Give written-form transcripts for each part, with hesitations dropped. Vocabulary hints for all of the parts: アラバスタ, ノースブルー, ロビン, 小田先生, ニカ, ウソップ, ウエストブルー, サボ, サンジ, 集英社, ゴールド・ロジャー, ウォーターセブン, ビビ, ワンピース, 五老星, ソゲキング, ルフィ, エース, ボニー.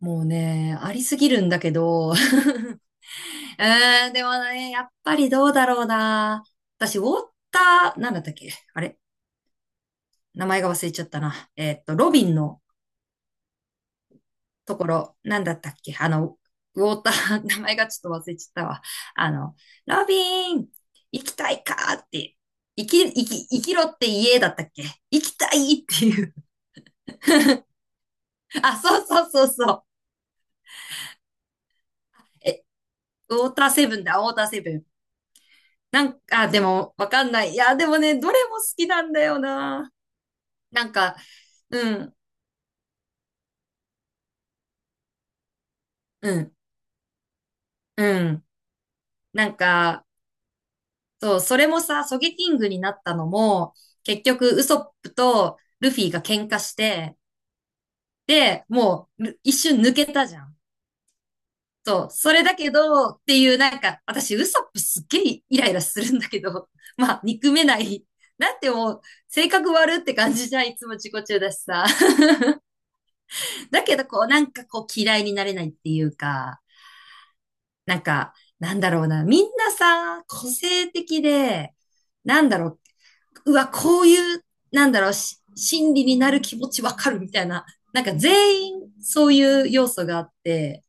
もうね、ありすぎるんだけど。うーん、でもね、やっぱりどうだろうな。私、ウォーター、なんだったっけあれ名前が忘れちゃったな。ロビンのところ、なんだったっけウォーター、名前がちょっと忘れちゃったわ。あの、ロビン、行きたいかって。生きろって家だったっけ行きたいっていう。あ、そうそうそうそう。え、ウォーターセブンだ、ウォーターセブン。なんか、あでも、わかんない。いや、でもね、どれも好きなんだよな。なんか、うん、うん、うん。なんか、そう、それもさ、ソゲキングになったのも、結局、ウソップとルフィが喧嘩して、で、もう、ル一瞬抜けたじゃん。そう、それだけど、っていう、なんか、私、ウソップすっげえイライラするんだけど、まあ、憎めない。なんてもう、性格悪って感じじゃん、いつも自己中だしさ。だけど、こう、なんかこう、嫌いになれないっていうか、なんか、なんだろうな、みんなさ、個性的で、なんだろう、うわ、こういう、なんだろう、し心理になる気持ちわかるみたいな、なんか全員そういう要素があって、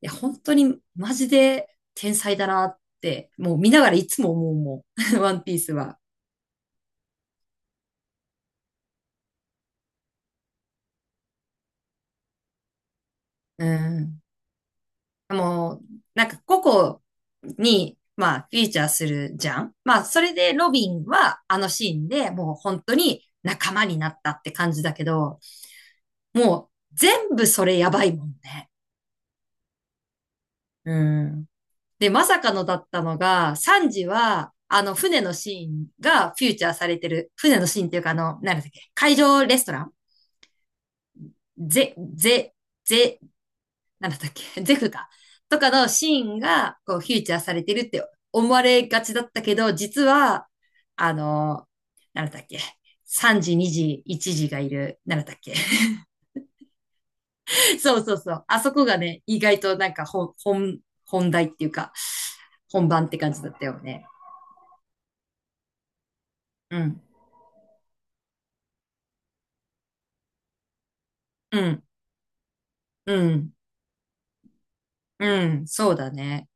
いや、本当にマジで天才だなって、もう見ながらいつも思うもん、ワンピースは。うん。もう、なんか個々に、まあ、フィーチャーするじゃん。まあ、それでロビンはあのシーンでもう本当に仲間になったって感じだけど、もう全部それやばいもんね。うん。で、まさかのだったのが、サンジは、あの、船のシーンがフィーチャーされてる。船のシーンっていうか、あの、なんだっけ、海上レストランゼ、ゼ、ゼ、なんだったっけ、ジェフか。とかのシーンが、こう、フィーチャーされてるって思われがちだったけど、実は、あの、なんだったっけ、3時、2時、1時がいる、なんだったっけ。そうそうそう。あそこがね、意外となんか本題っていうか、本番って感じだったよね。うん、うん、うん、うん、そうだね。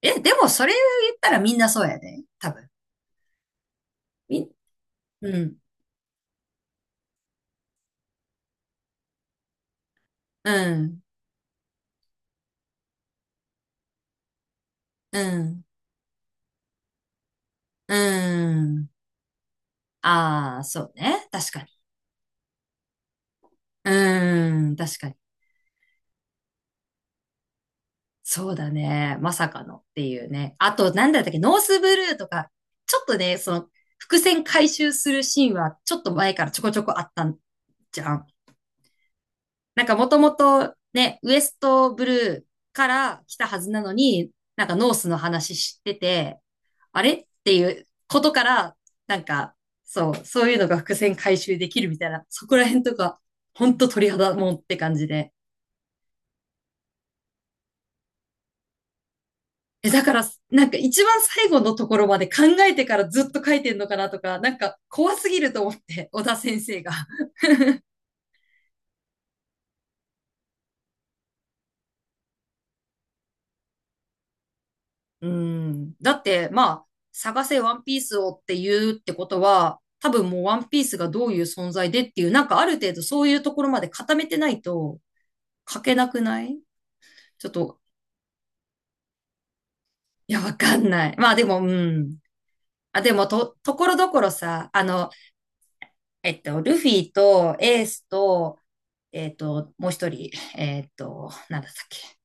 え、でもそれ言ったらみんなそうやで、多分。み、うん、うん、うん、うん。ああ、そうね。確かに。うーん、確かに。そうだね。まさかのっていうね。あと、なんだったっけ、ノースブルーとか、ちょっとね、その、伏線回収するシーンは、ちょっと前からちょこちょこあったんじゃん。なんか、もともと、ね、ウエストブルーから来たはずなのに、なんか、ノースの話知ってて、あれっていうことから、なんか、そう、そういうのが伏線回収できるみたいな、そこら辺とか、ほんと鳥肌もんって感じで。え、だから、なんか一番最後のところまで考えてからずっと書いてんのかなとか、なんか怖すぎると思って、小田先生が。うん。だって、まあ、探せワンピースをって言うってことは、多分もうワンピースがどういう存在でっていう、なんかある程度そういうところまで固めてないと書けなくないちょっと、いや、わかんない。まあでも、うん。あ、でも、ところどころさ、あの、ルフィとエースと、もう一人、なんだったっけ。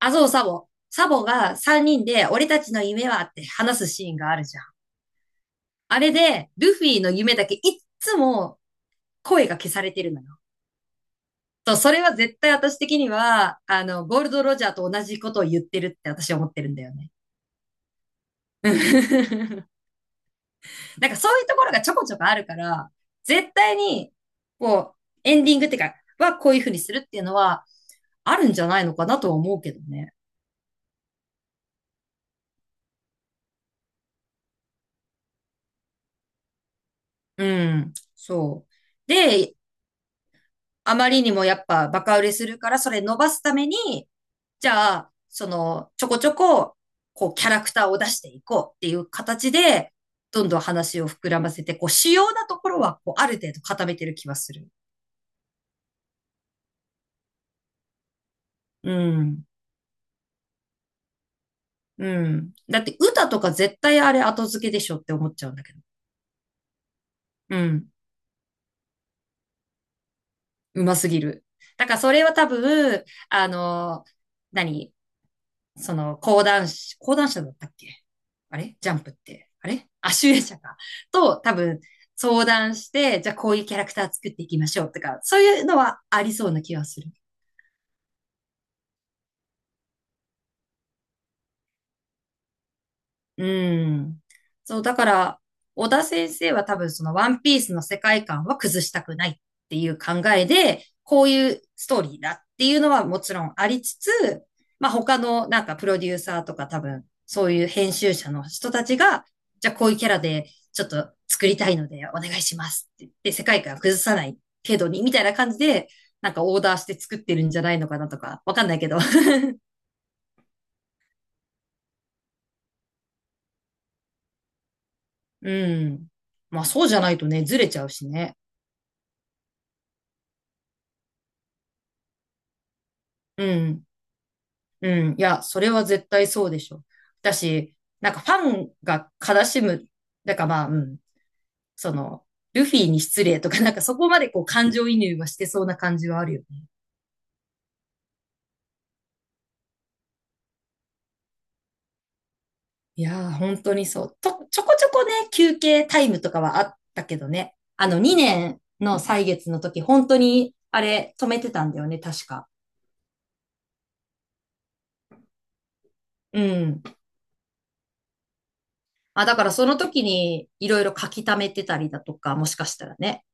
あ、そう、サボ。サボが3人で、俺たちの夢はって話すシーンがあるじゃん。あれで、ルフィの夢だけいっつも声が消されてるのよ。そう、それは絶対私的には、あの、ゴールド・ロジャーと同じことを言ってるって私は思ってるんだよね。なんかそういうところがちょこちょこあるから、絶対に、こう、エンディングってか、はこういうふうにするっていうのは、あるんじゃないのかなとは思うけどね。うん、そう。で、あまりにもやっぱバカ売れするから、それ伸ばすために、じゃあ、その、ちょこちょこ、こう、キャラクターを出していこうっていう形で、どんどん話を膨らませて、こう、主要なところは、こう、ある程度固めてる気はする。うん。うん。だって、歌とか絶対あれ後付けでしょって思っちゃうんだけど。うん。うますぎる。だから、それは多分、あの、何その、講談師、講談社だったっけあれジャンプって。あれあ、集英社か。と、多分、相談して、じゃあこういうキャラクター作っていきましょうとか、そういうのはありそうな気がする。うん。そう、だから、小田先生は多分そのワンピースの世界観は崩したくないっていう考えで、こういうストーリーだっていうのはもちろんありつつ、まあ他のなんかプロデューサーとか多分そういう編集者の人たちが、じゃあこういうキャラでちょっと作りたいのでお願いしますって言って世界観を崩さない程度にみたいな感じで、なんかオーダーして作ってるんじゃないのかなとか、わかんないけど。うん。まあそうじゃないとね、ずれちゃうしね。うん。うん、いや、それは絶対そうでしょ。だし、なんかファンが悲しむ、だからまあ、うん、その、ルフィに失礼とか、なんかそこまでこう感情移入はしてそうな感じはあるよね。いやー、本当にそう。ちょこちょこね、休憩タイムとかはあったけどね。あの、2年の歳月の時、本当に、あれ、止めてたんだよね、確か。うん。まあ、だからその時に、いろいろ書き溜めてたりだとか、もしかしたらね。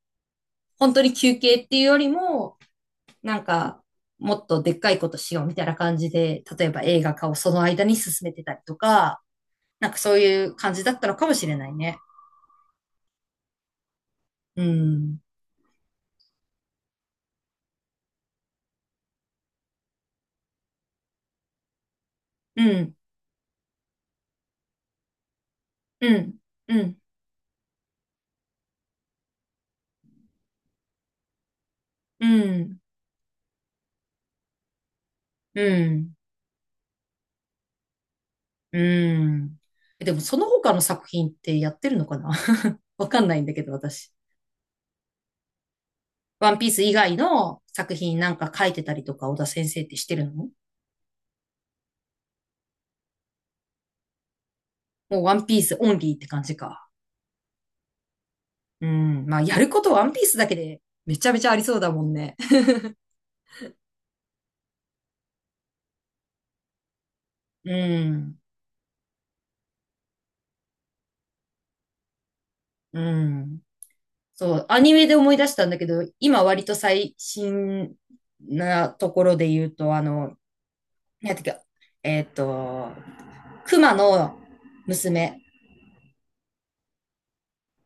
本当に休憩っていうよりも、なんか、もっとでっかいことしようみたいな感じで、例えば映画化をその間に進めてたりとか、なんかそういう感じだったのかもしれないね。うん。うん。うん。うん。うん。うん。うん。でもその他の作品ってやってるのかな わかんないんだけど、私。ワンピース以外の作品なんか書いてたりとか、小田先生ってしてるのもうワンピースオンリーって感じか。うん。まあ、やることワンピースだけでめちゃめちゃありそうだもんね。うん。うん。そう、アニメで思い出したんだけど、今割と最新なところで言うと、あの、なんていうか、えっと、熊の娘。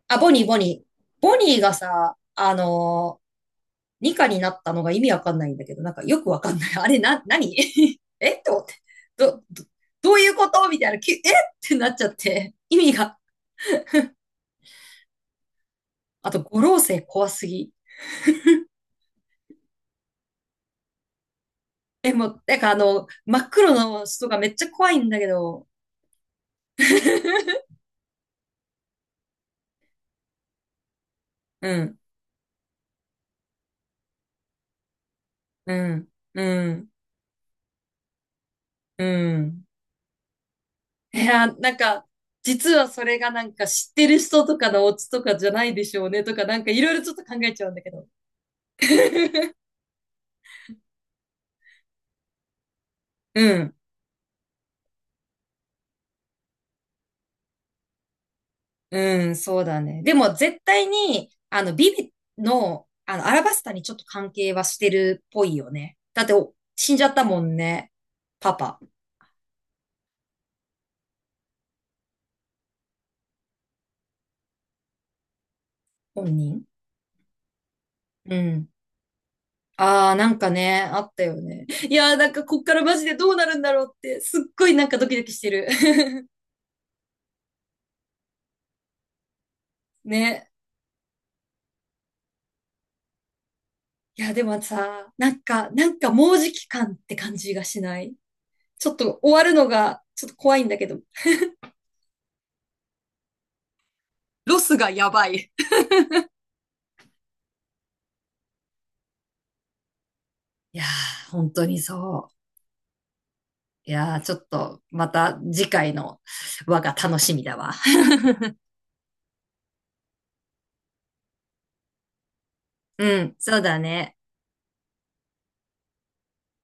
あ、ボニー、ボニー。ボニーがさ、あの、ニカになったのが意味わかんないんだけど、なんかよくわかんない。あれ、何 えって思って。ど、ど、どういうことみたいな。きゅえってなっちゃって。意味が。あと、五老星怖すぎ。え、もう、なんかあの、真っ黒の人がめっちゃ怖いんだけど。うん、うん、うん、うん。いや、なんか、実はそれがなんか知ってる人とかのオチとかじゃないでしょうねとか、なんかいろいろちょっと考えちゃうんだけど。うん、うん、そうだね。でも絶対に、あの、ビビの、あの、アラバスタにちょっと関係はしてるっぽいよね。だってお死んじゃったもんね。パパ、本人。うん。ああ、なんかね、あったよね。いやー、なんかこっからマジでどうなるんだろうって、すっごいなんかドキドキしてる。ね。いや、でもさ、なんか、なんかもうじき感って感じがしないちょっと終わるのが、ちょっと怖いんだけど。ロスがやばい。いやー、本当にそう。いやー、ちょっと、また次回の輪が楽しみだわ。うん、そうだね。